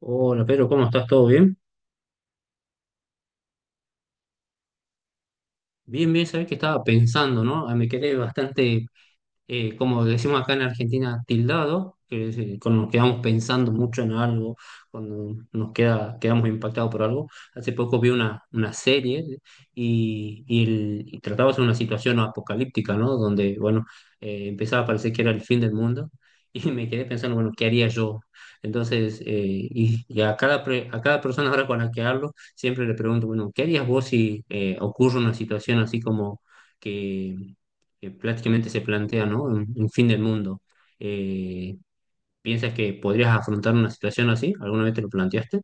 Hola Pedro, ¿cómo estás? ¿Todo bien? Bien, bien, sabés que estaba pensando, ¿no? Ah, me quedé bastante como decimos acá en Argentina, tildado, que es, cuando nos quedamos pensando mucho en algo, cuando quedamos impactados por algo. Hace poco vi una serie y trataba sobre una situación apocalíptica, ¿no? Donde, bueno, empezaba a parecer que era el fin del mundo y me quedé pensando, bueno, ¿qué haría yo? Entonces, y a a cada persona ahora con la que hablo, siempre le pregunto, bueno, ¿qué harías vos si ocurre una situación así como... que que prácticamente se plantea, ¿no? Un fin del mundo. Eh, ¿Piensas que podrías afrontar una situación así? ¿Alguna vez te lo planteaste?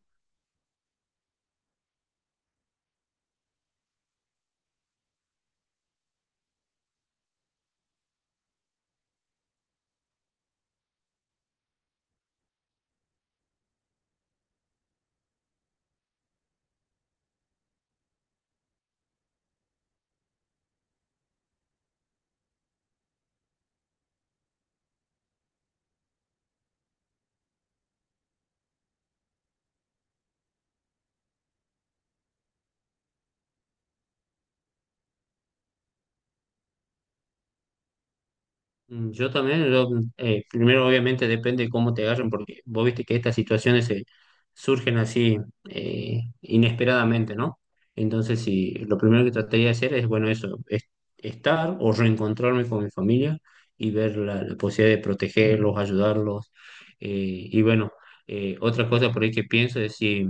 Mm, yo también, yo, primero obviamente depende de cómo te agarren, porque vos viste que estas situaciones se surgen así inesperadamente, ¿no? Entonces, si lo primero que trataría de hacer es, bueno, eso, estar o reencontrarme con mi familia y ver la posibilidad de protegerlos, ayudarlos. eh, y bueno, otra cosa por ahí que pienso es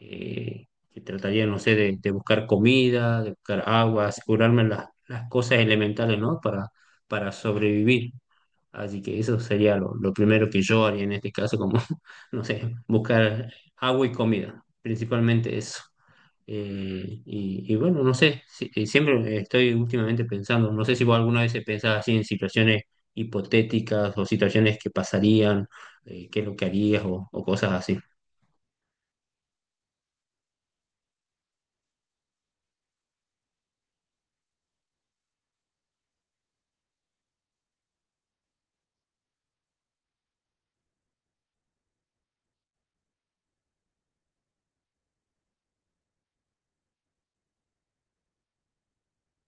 eh, que trataría, no sé, de buscar comida, de buscar agua, asegurarme las cosas elementales, ¿no? Para sobrevivir. Así que eso sería lo primero que yo haría en este caso, como, no sé, buscar agua y comida, principalmente eso. Y bueno, no sé, siempre estoy últimamente pensando, no sé si vos alguna vez pensás así en situaciones hipotéticas o situaciones que pasarían, qué es lo que harías o cosas así.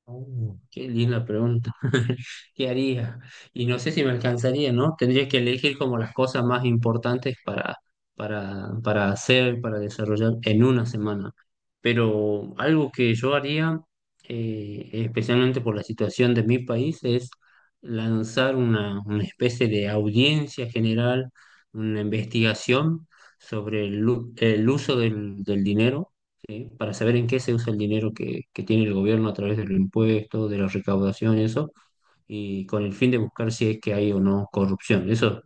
Oh, qué linda pregunta. ¿Qué haría? Y no sé si me alcanzaría, ¿no? Tendría que elegir como las cosas más importantes para hacer, para desarrollar en una semana. Pero algo que yo haría, especialmente por la situación de mi país, es lanzar una especie de audiencia general, una investigación sobre el uso del dinero, ¿sí? Para saber en qué se usa el dinero que tiene el gobierno a través de los impuestos, de la recaudación, eso, y con el fin de buscar si es que hay o no corrupción. Eso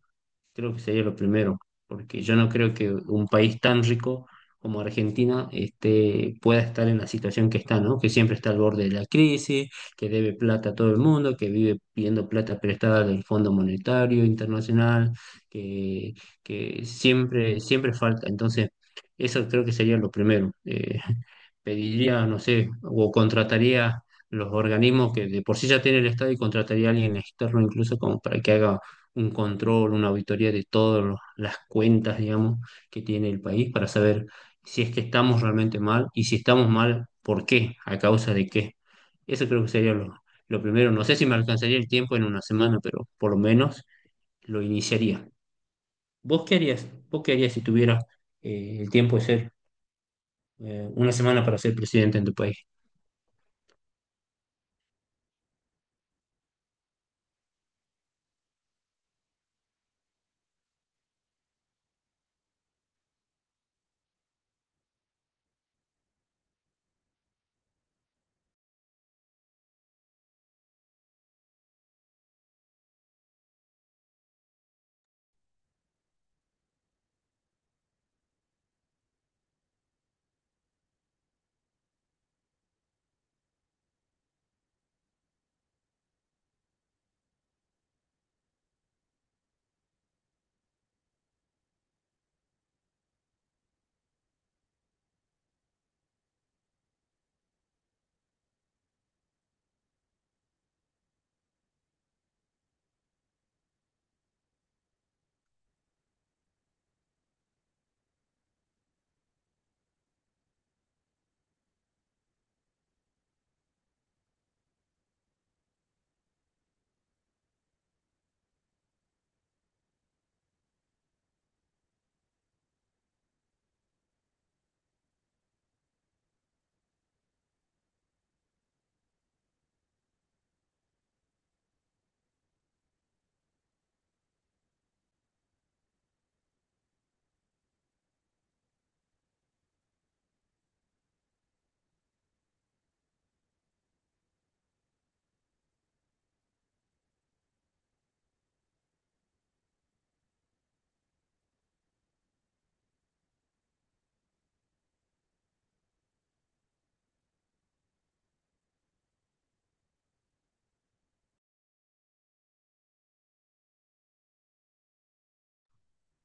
creo que sería lo primero, porque yo no creo que un país tan rico como Argentina este, pueda estar en la situación que está, ¿no? Que siempre está al borde de la crisis, que debe plata a todo el mundo, que vive pidiendo plata prestada del Fondo Monetario Internacional, que, que siempre, siempre falta. Entonces, eso creo que sería lo primero. Pediría, no sé, o contrataría los organismos que de por sí ya tiene el Estado y contrataría a alguien externo incluso como para que haga un control, una auditoría de todas las cuentas, digamos, que tiene el país para saber si es que estamos realmente mal y si estamos mal, ¿por qué? ¿A causa de qué? Eso creo que sería lo primero. No sé si me alcanzaría el tiempo en una semana, pero por lo menos lo iniciaría. ¿Vos qué harías? ¿Vos qué harías si tuvieras el tiempo de ser una semana para ser presidente en tu país?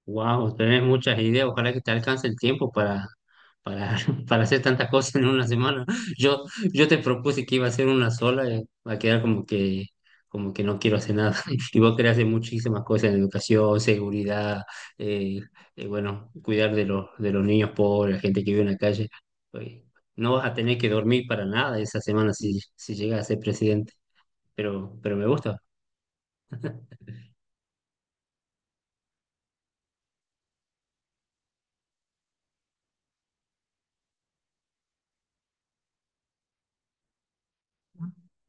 Wow, tenés muchas ideas. Ojalá que te alcance el tiempo para, para hacer tantas cosas en una semana. Yo, yo te propuse que iba a hacer una sola, va a quedar como que no quiero hacer nada. Y vos querés hacer muchísimas cosas en educación, seguridad, eh, bueno, cuidar de de los niños pobres, la gente que vive en la calle. Oye, no vas a tener que dormir para nada esa semana si, si llegas a ser presidente. Pero me gusta.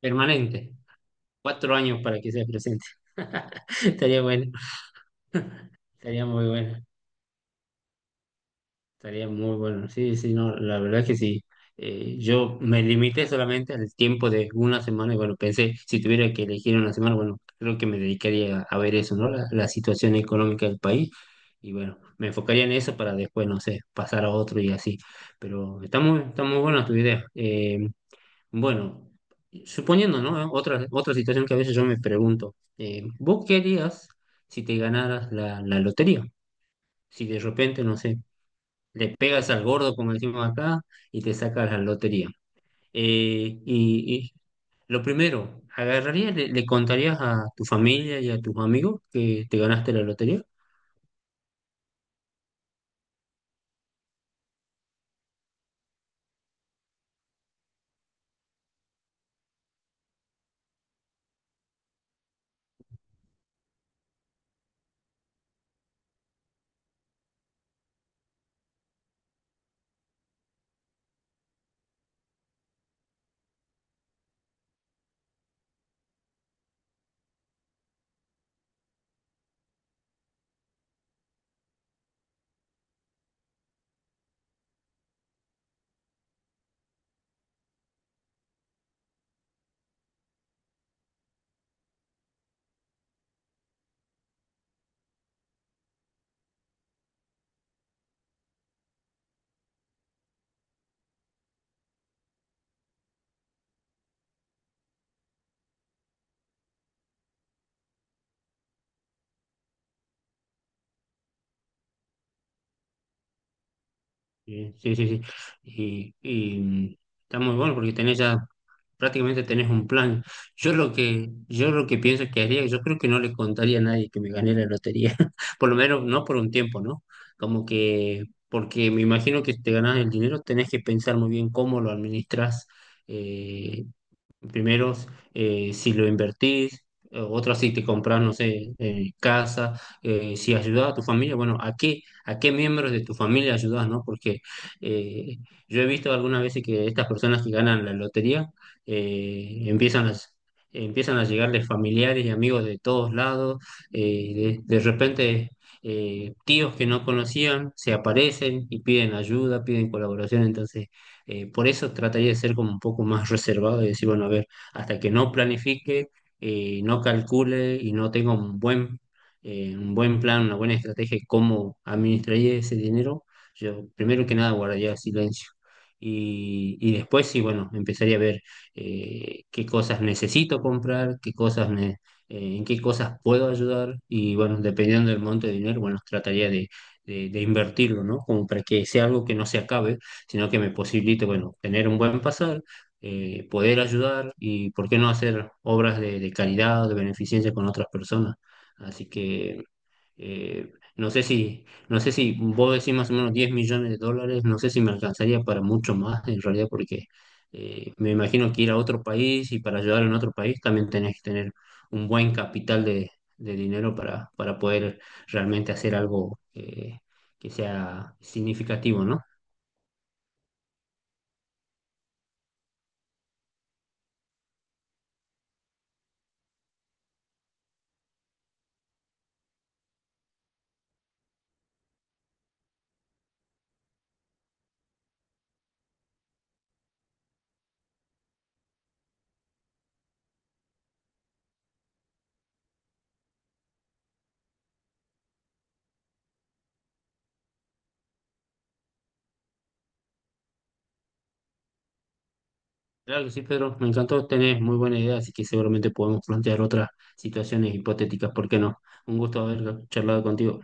Permanente. Cuatro años para que seas presidente. Estaría bueno. Estaría muy bueno, estaría muy bueno. Sí, sí, no, la verdad es que sí. Yo me limité solamente al tiempo de una semana y bueno, pensé, si tuviera que elegir una semana, bueno, creo que me dedicaría a ver eso, ¿no? La situación económica del país y bueno, me enfocaría en eso para después, no sé, pasar a otro y así. Pero está muy buena tu idea. Bueno, suponiendo, ¿no? Otra situación que a veces yo me pregunto, ¿vos qué harías si te ganaras la lotería? Si de repente, no sé, le pegas al gordo, como decimos acá, y te sacas la lotería. Y lo primero, ¿agarrarías, le contarías a tu familia y a tus amigos que te ganaste la lotería? Sí, sí, sí, sí. Y, y, mm, está muy bueno porque tenés ya, prácticamente tenés un plan. Yo lo que pienso que haría, yo creo que no le contaría a nadie que me gané la lotería, por lo menos no por un tiempo, ¿no? Como que, porque me imagino que si te ganás el dinero, tenés que pensar muy bien cómo lo administras. Primeros, si lo invertís, otra si te compras, no sé, casa, si ayudas a tu familia, bueno, ¿a qué miembros de tu familia ayudas, no? Porque eh, yo he visto algunas veces que estas personas que ganan la lotería eh, empiezan a, empiezan a llegarles familiares y amigos de todos lados, de repente tíos que no conocían se aparecen y piden ayuda, piden colaboración, entonces por eso trataría de ser como un poco más reservado y decir, bueno, a ver, hasta que no planifique, no calcule y no tenga un buen plan, una buena estrategia de cómo administraría ese dinero, yo primero que nada guardaría silencio. Y después sí, bueno, empezaría a ver qué cosas necesito comprar, qué cosas me, en qué cosas puedo ayudar y bueno, dependiendo del monto de dinero, bueno, trataría de invertirlo, ¿no? Como para que sea algo que no se acabe sino que me posibilite, bueno, tener un buen pasar, poder ayudar y, ¿por qué no hacer obras de caridad, de beneficencia con otras personas? Así que no sé si, no sé si vos decís más o menos 10 millones de dólares, no sé si me alcanzaría para mucho más en realidad, porque me imagino que ir a otro país y para ayudar en otro país también tenés que tener un buen capital de dinero para poder realmente hacer algo que sea significativo, ¿no? Claro que sí, Pedro, me encantó, tenés muy buena idea, así que seguramente podemos plantear otras situaciones hipotéticas, ¿por qué no? Un gusto haber charlado contigo.